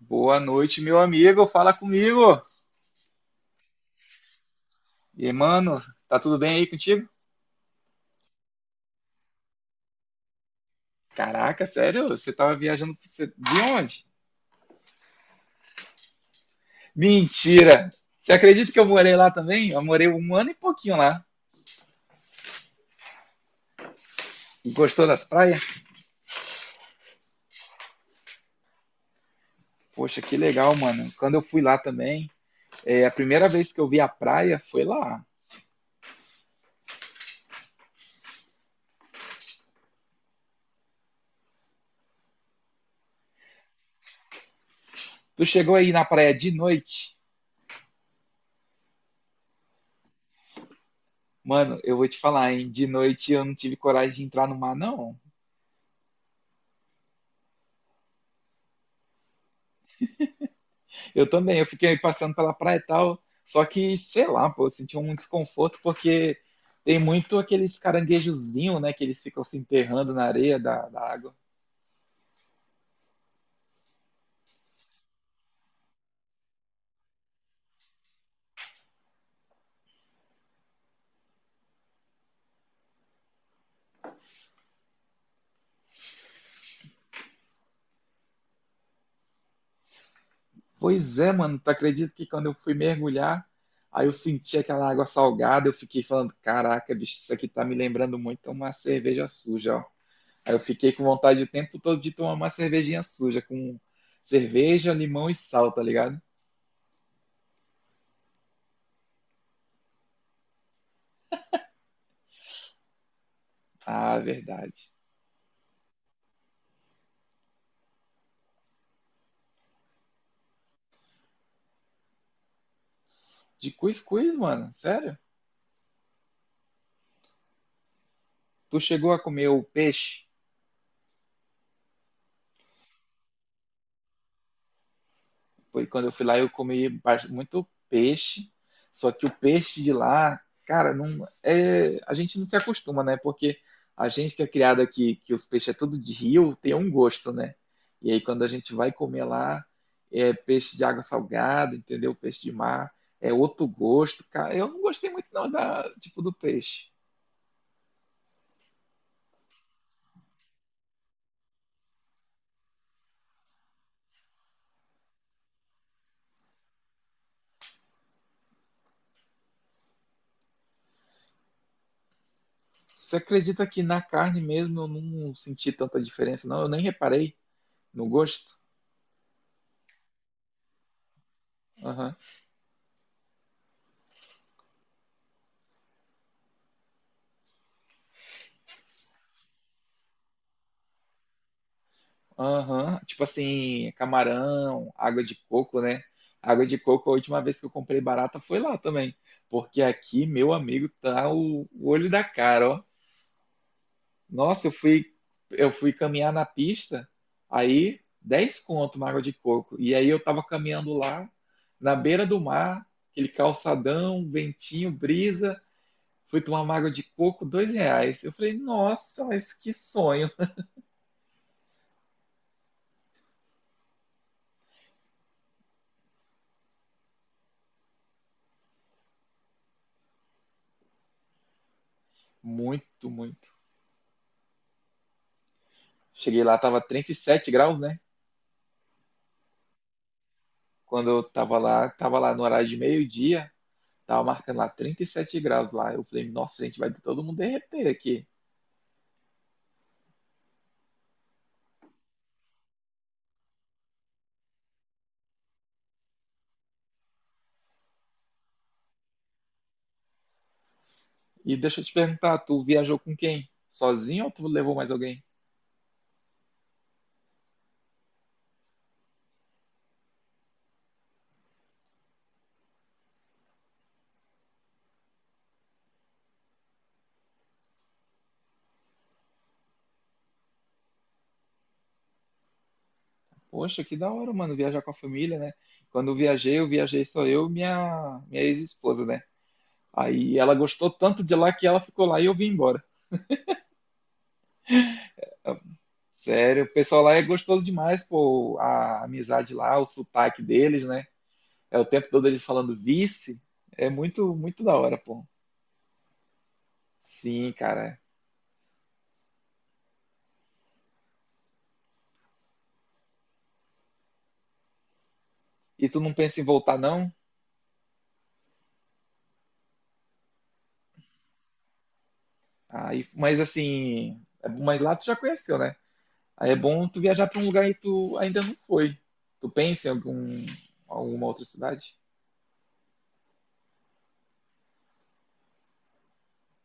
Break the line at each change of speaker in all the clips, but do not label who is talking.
Boa noite, meu amigo. Fala comigo. E, mano, tá tudo bem aí contigo? Caraca, sério? Você tava viajando de onde? Mentira! Você acredita que eu morei lá também? Eu morei um ano e pouquinho lá. Gostou das praias? Poxa, que legal, mano. Quando eu fui lá também, a primeira vez que eu vi a praia foi lá. Tu chegou aí na praia de noite? Mano, eu vou te falar, hein? De noite eu não tive coragem de entrar no mar, não. Eu também, eu fiquei passando pela praia e tal, só que, sei lá, pô, eu senti um desconforto porque tem muito aqueles caranguejozinhos, né, que eles ficam se enterrando na areia da água. Pois é, mano, tu acredita que quando eu fui mergulhar, aí eu senti aquela água salgada, eu fiquei falando, caraca, bicho, isso aqui tá me lembrando muito uma cerveja suja, ó. Aí eu fiquei com vontade o tempo todo de tomar uma cervejinha suja, com cerveja, limão e sal, tá ligado? Ah, verdade. De cuscuz, mano, sério? Tu chegou a comer o peixe? Foi quando eu fui lá, eu comi muito peixe. Só que o peixe de lá, cara, não é, a gente não se acostuma, né? Porque a gente que é criado aqui, que os peixes é tudo de rio, tem um gosto, né? E aí quando a gente vai comer lá, é peixe de água salgada, entendeu? Peixe de mar é outro gosto, cara. Eu não gostei muito não da tipo do peixe. Você acredita que na carne mesmo eu não senti tanta diferença, não? Eu nem reparei no gosto. Aham, tipo assim, camarão, água de coco, né? Água de coco, a última vez que eu comprei barata foi lá também. Porque aqui, meu amigo, tá o olho da cara, ó. Nossa, eu fui caminhar na pista, aí 10 conto uma água de coco. E aí eu tava caminhando lá, na beira do mar, aquele calçadão, ventinho, brisa. Fui tomar uma água de coco, R$ 2. Eu falei, nossa, mas que sonho. Muito, muito. Cheguei lá, tava 37 graus, né? Quando eu tava lá no horário de meio-dia, tava marcando lá 37 graus lá. Eu falei, nossa, gente, vai todo mundo derreter aqui. E deixa eu te perguntar, tu viajou com quem? Sozinho ou tu levou mais alguém? Poxa, que da hora, mano, viajar com a família, né? Quando eu viajei só eu e minha ex-esposa, né? Aí ela gostou tanto de lá que ela ficou lá e eu vim embora. Sério, o pessoal lá é gostoso demais, pô, a amizade lá, o sotaque deles, né? É o tempo todo eles falando vice, é muito, muito da hora, pô. Sim, cara. E tu não pensa em voltar, não? Aí, mas assim, é bom, mas lá tu já conheceu, né? Aí é bom tu viajar pra um lugar e tu ainda não foi. Tu pensa em alguma outra cidade?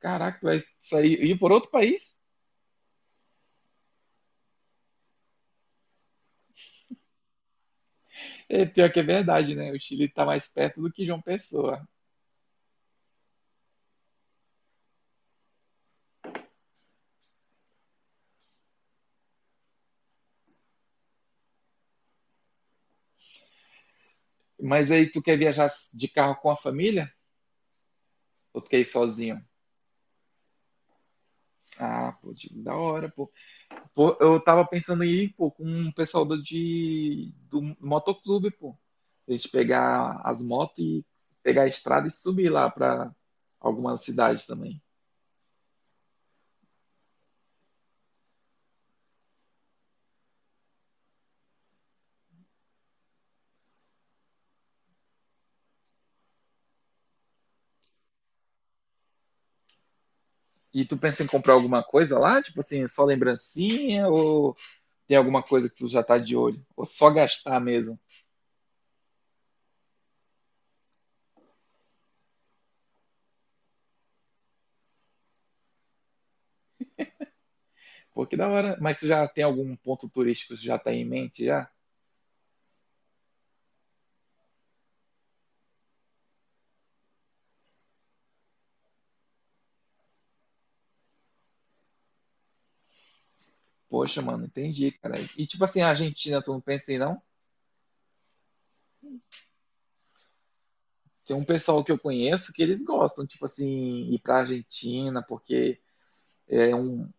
Caraca, tu vai sair ir por outro país? É, pior que é verdade, né? O Chile tá mais perto do que João Pessoa. Mas aí tu quer viajar de carro com a família? Ou tu quer ir sozinho? Ah, pô, da hora, pô. Pô, eu tava pensando em ir, pô, com um pessoal do motoclube, pô. A gente pegar as motos e pegar a estrada e subir lá pra algumas cidades também. E tu pensa em comprar alguma coisa lá? Tipo assim, só lembrancinha? Ou tem alguma coisa que tu já tá de olho? Ou só gastar mesmo? Pô, que da hora. Mas tu já tem algum ponto turístico que tu já tá em mente já? Poxa, mano, entendi, cara. E tipo assim, a Argentina, tu não pensa em não? Tem um pessoal que eu conheço que eles gostam, tipo assim, ir pra Argentina, porque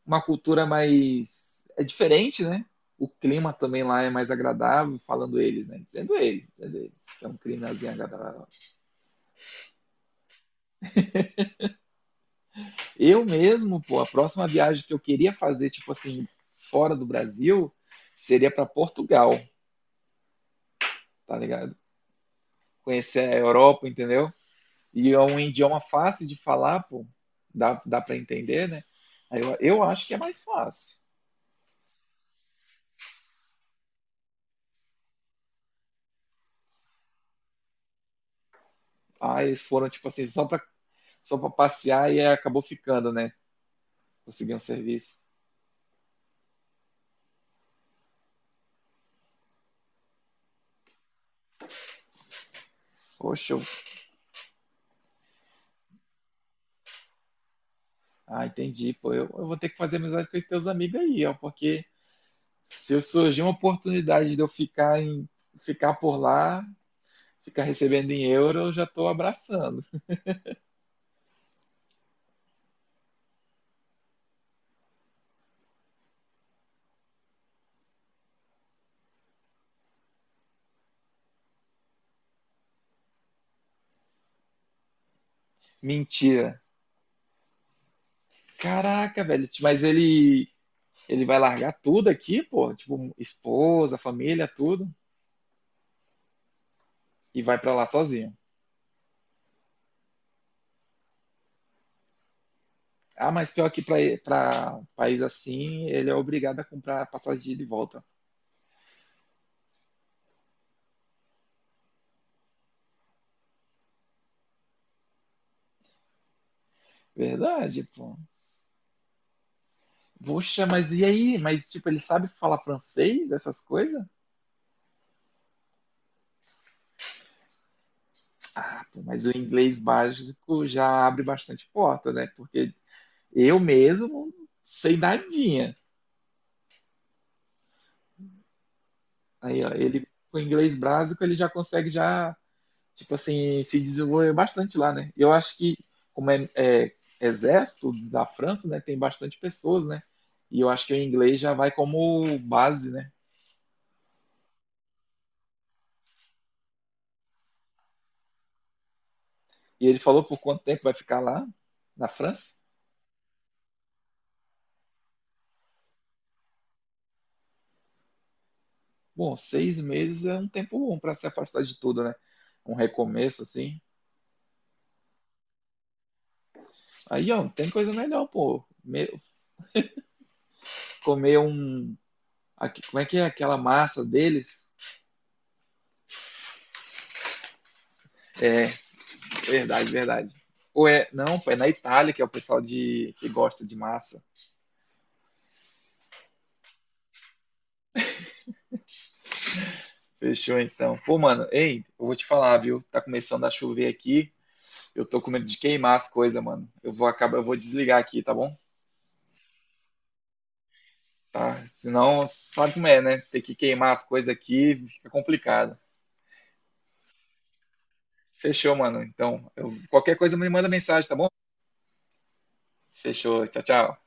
uma cultura mais. É diferente, né? O clima também lá é mais agradável, falando eles, né? Dizendo eles, que é um climazinho agradável. Eu mesmo, pô, a próxima viagem que eu queria fazer, tipo assim, fora do Brasil, seria para Portugal, tá ligado? Conhecer a Europa, entendeu? E é um idioma fácil de falar, pô, dá para entender, né? Aí eu acho que é mais fácil. Ah, eles foram, tipo assim, só pra passear e aí acabou ficando, né? Conseguiu um serviço. Poxa, ah, entendi, pô. Eu vou ter que fazer amizade com esses teus amigos aí, ó, porque se eu surgir uma oportunidade de eu ficar por lá, ficar recebendo em euro, eu já tô abraçando. Mentira. Caraca, velho, mas ele vai largar tudo aqui, pô, tipo, esposa, família, tudo, e vai pra lá sozinho. Ah, mas pior que para país assim, ele é obrigado a comprar passagem de ida e volta. Verdade, pô. Poxa, mas e aí? Mas, tipo, ele sabe falar francês, essas coisas? Ah, pô, mas o inglês básico já abre bastante porta, né? Porque eu mesmo sei nadinha. Aí, ó, ele com o inglês básico, ele já consegue já tipo assim, se desenvolveu bastante lá, né? Eu acho que, como é, é exército da França, né, tem bastante pessoas, né? E eu acho que o inglês já vai como base, né? E ele falou por quanto tempo vai ficar lá, na França? Bom, 6 meses é um tempo bom para se afastar de tudo, né? Um recomeço, assim. Aí, ó, tem coisa melhor, pô. Comer um. Como é que é aquela massa deles? É, verdade, verdade. Ou é. Não, pô, é na Itália que é o pessoal que gosta de massa. Fechou então. Pô, mano, ei, eu vou te falar, viu? Tá começando a chover aqui. Eu tô com medo de queimar as coisas, mano. Eu vou desligar aqui, tá bom? Tá. Senão, sabe como é, né? Ter que queimar as coisas aqui fica complicado. Fechou, mano. Então, qualquer coisa me manda mensagem, tá bom? Fechou. Tchau, tchau.